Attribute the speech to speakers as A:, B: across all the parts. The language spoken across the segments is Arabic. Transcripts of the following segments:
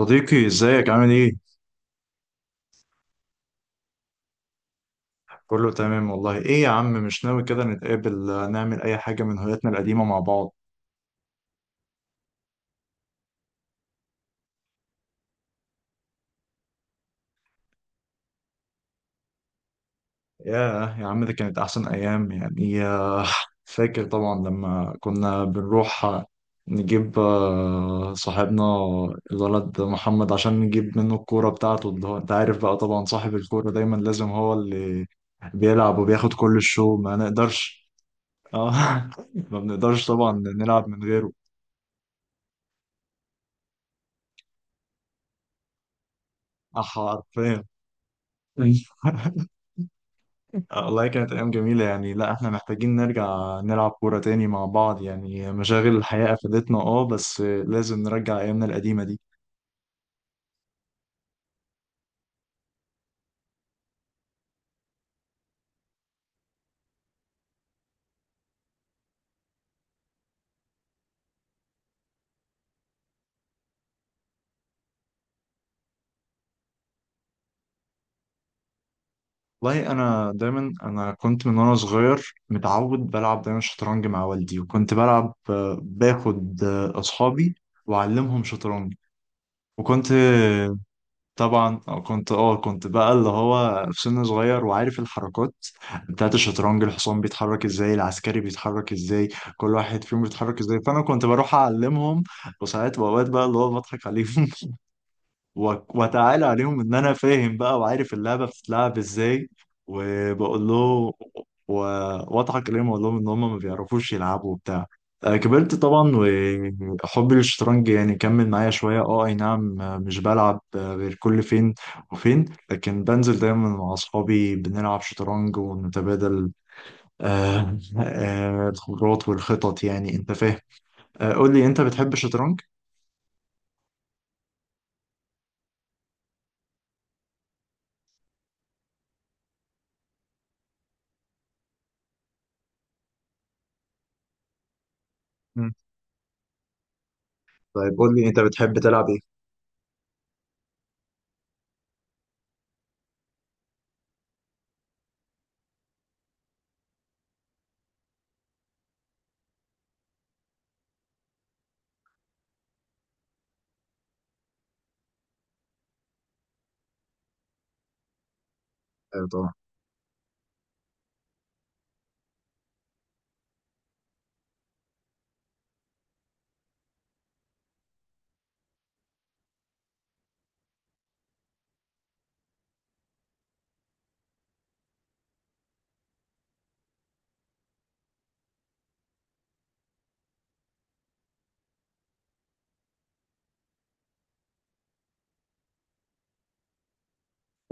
A: صديقي ازيك عامل ايه؟ كله تمام والله. ايه يا عم، مش ناوي كده نتقابل، نعمل اي حاجة من هواياتنا القديمة مع بعض؟ ياه يا عم، ده كانت احسن ايام يعني. فاكر طبعا لما كنا بنروح نجيب صاحبنا الولد محمد عشان نجيب منه الكورة بتاعته، اللي هو انت عارف بقى طبعا، صاحب الكورة دايما لازم هو اللي بيلعب وبياخد كل الشو، ما نقدرش. اه ما بنقدرش طبعا نلعب من غيره. حرفيا. والله كانت أيام جميلة يعني. لا احنا محتاجين نرجع نلعب كورة تاني مع بعض، يعني مشاغل الحياة أفادتنا اه، بس لازم نرجع أيامنا القديمة دي. والله أنا دايما، كنت من وأنا صغير متعود بلعب دايما شطرنج مع والدي، وكنت بلعب، باخد أصحابي وأعلمهم شطرنج. وكنت طبعا آه، كنت اه كنت بقى اللي هو في سن صغير وعارف الحركات بتاعت الشطرنج، الحصان بيتحرك ازاي، العسكري بيتحرك ازاي، كل واحد فيهم بيتحرك ازاي، فانا كنت بروح اعلمهم. وساعات واوقات بقى اللي هو بضحك عليهم، واتعالى عليهم ان انا فاهم بقى وعارف اللعبه بتتلعب ازاي. وبقول له و- واضحك عليهم واقول لهم ان هم ما بيعرفوش يلعبوا وبتاع. كبرت طبعا، وحبي للشطرنج يعني كمل معايا شويه اه، اي نعم، مش بلعب غير كل فين وفين، لكن بنزل دايما مع اصحابي بنلعب شطرنج ونتبادل الخبرات والخطط، يعني انت فاهم. قول لي، انت بتحب الشطرنج؟ مم. طيب قول لي، انت بتحب تلعب ايه؟ طبعا.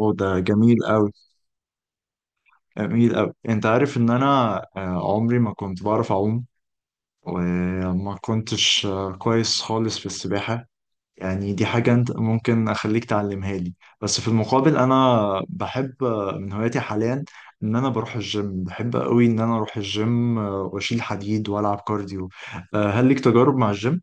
A: وده جميل أوي، جميل أوي. أنت عارف إن أنا عمري ما كنت بعرف أعوم، وما كنتش كويس خالص في السباحة. يعني دي حاجة أنت ممكن أخليك تعلمها لي. بس في المقابل أنا بحب، من هواياتي حاليا، إن أنا بروح الجيم. بحب أوي إن أنا أروح الجيم، وأشيل حديد وألعب كارديو. هل ليك تجارب مع الجيم؟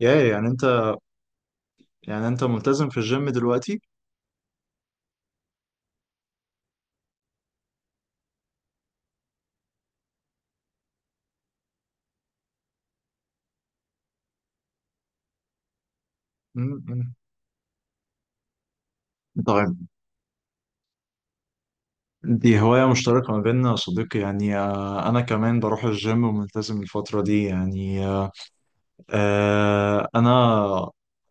A: يا يعني أنت، يعني أنت ملتزم في الجيم دلوقتي؟ م- م. طيب، دي هواية مشتركة ما بيننا يا صديقي. يعني أنا كمان بروح الجيم وملتزم الفترة دي، يعني أنا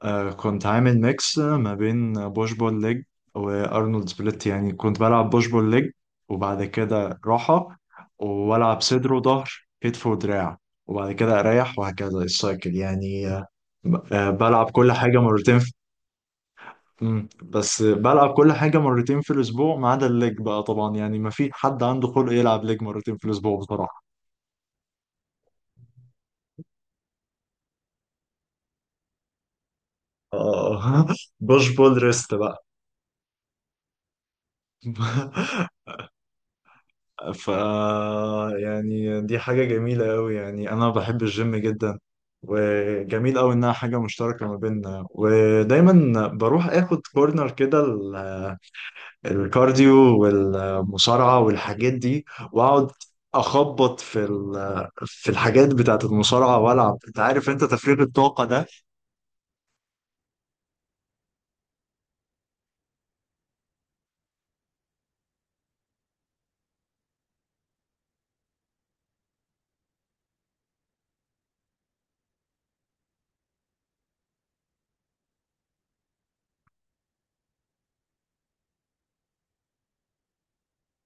A: كنت عامل ميكس ما بين بوش بول ليج وأرنولد سبليت. يعني كنت بلعب بوش بول ليج وبعد كده راحة، وألعب صدر وظهر، كتف ودراع، وبعد كده أريح، وهكذا السايكل. يعني بلعب كل حاجة مرتين. مم. بس بلعب كل حاجة مرتين في الأسبوع، ما عدا الليج بقى طبعا، يعني ما في حد عنده خلق يلعب ليج مرتين في الأسبوع بصراحة. آه بوش بول ريست بقى. ف يعني دي حاجة جميلة أوي. يعني أنا بحب الجيم جدا، وجميل أوي إنها حاجة مشتركة ما بيننا. ودايما بروح آخد كورنر كده الكارديو والمصارعة والحاجات دي، واقعد اخبط في في الحاجات بتاعت المصارعة والعب، انت عارف انت، تفريغ الطاقة ده.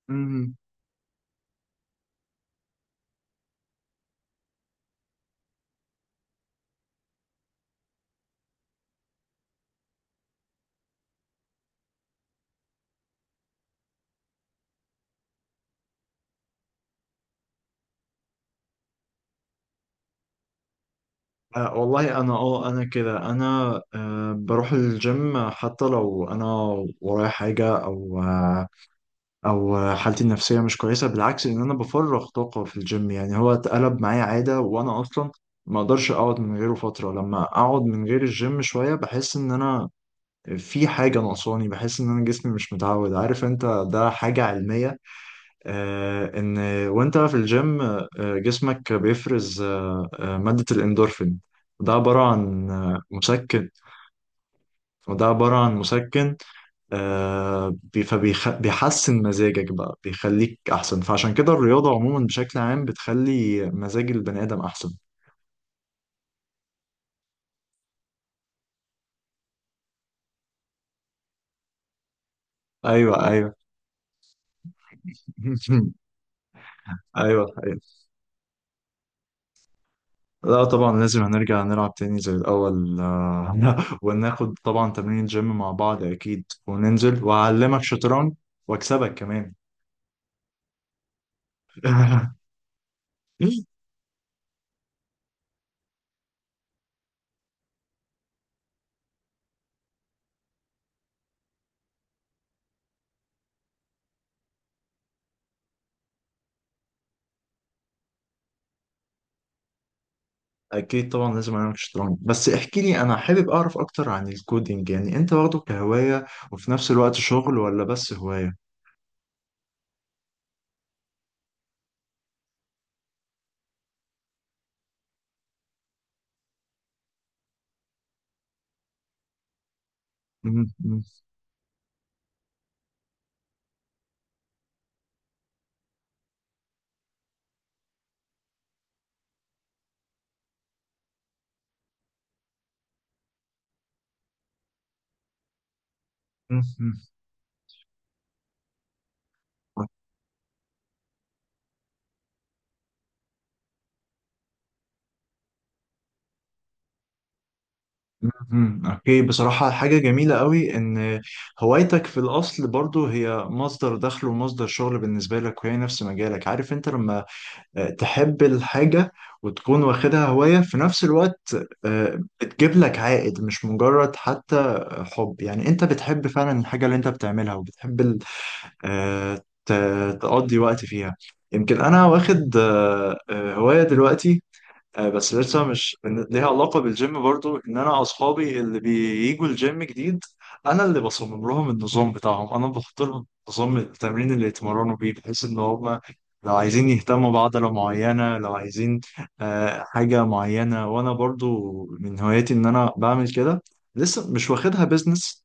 A: مم. آه والله انا، اه انا كده انا آه بروح الجيم حتى لو انا ورايا حاجه، او آه او حالتي النفسيه مش كويسه. بالعكس، ان انا بفرغ طاقه في الجيم. يعني هو اتقلب معايا عاده، وانا اصلا ما اقدرش اقعد من غيره فتره. لما اقعد من غير الجيم شويه بحس ان انا في حاجة ناقصاني، بحس إن أنا جسمي مش متعود. عارف أنت، ده حاجة علمية. آه إن وأنت في الجيم، جسمك بيفرز مادة الإندورفين. ده عبارة عن مسكن، وده عبارة عن مسكن. بيحسن مزاجك بقى، بيخليك أحسن. فعشان كده الرياضة عموما بشكل عام بتخلي مزاج البني آدم أحسن. أيوه، أيوه. أيوه. لا طبعا، لازم هنرجع نلعب تاني زي الأول، وناخد طبعا تمرين جيم مع بعض أكيد، وننزل وأعلمك شطرنج وأكسبك كمان. أكيد طبعا لازم أعلمك شطرنج. بس احكي لي، أنا حابب أعرف أكتر عن الكودينج. يعني أنت واخده كهواية وفي نفس الوقت شغل، ولا بس هواية؟ مم، مم. مم، مم. مهم. اوكي، بصراحة حاجة جميلة قوي ان هوايتك في الاصل برضو هي مصدر دخل ومصدر شغل بالنسبة لك، وهي نفس مجالك. عارف انت لما تحب الحاجة وتكون واخدها هواية في نفس الوقت، بتجيب لك عائد، مش مجرد حتى حب. يعني انت بتحب فعلا الحاجة اللي انت بتعملها، وبتحب تقضي وقت فيها. يمكن انا واخد هواية دلوقتي بس لسه مش ليها علاقة بالجيم برضو، ان انا اصحابي اللي بييجوا الجيم جديد انا اللي بصمم لهم النظام بتاعهم، انا بحط لهم نظام التمرين اللي يتمرنوا بيه، بحيث ان هم لو عايزين يهتموا بعضلة معينة، لو عايزين حاجة معينة. وانا برضو من هواياتي ان انا بعمل كده، لسه مش واخدها بيزنس،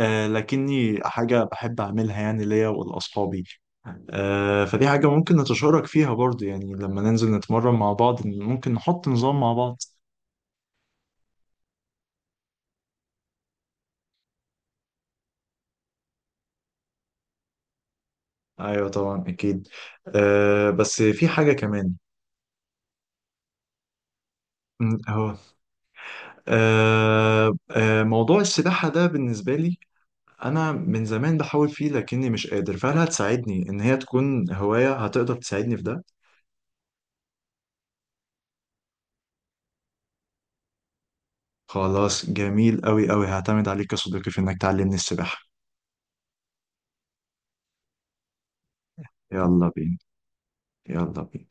A: لكني حاجة بحب أعملها يعني ليا ولأصحابي. فدي حاجة ممكن نتشارك فيها برضو، يعني لما ننزل نتمرن مع بعض ممكن نحط نظام مع بعض. أيوة طبعا، أكيد. أه بس في حاجة كمان. أهو. أه أه، موضوع السباحة ده بالنسبة لي، أنا من زمان بحاول فيه لكني مش قادر. فهل هتساعدني إن هي تكون هواية؟ هتقدر تساعدني في ده؟ خلاص، جميل أوي أوي. هعتمد عليك يا صديقي في إنك تعلمني السباحة. يلا بينا. يلا بينا.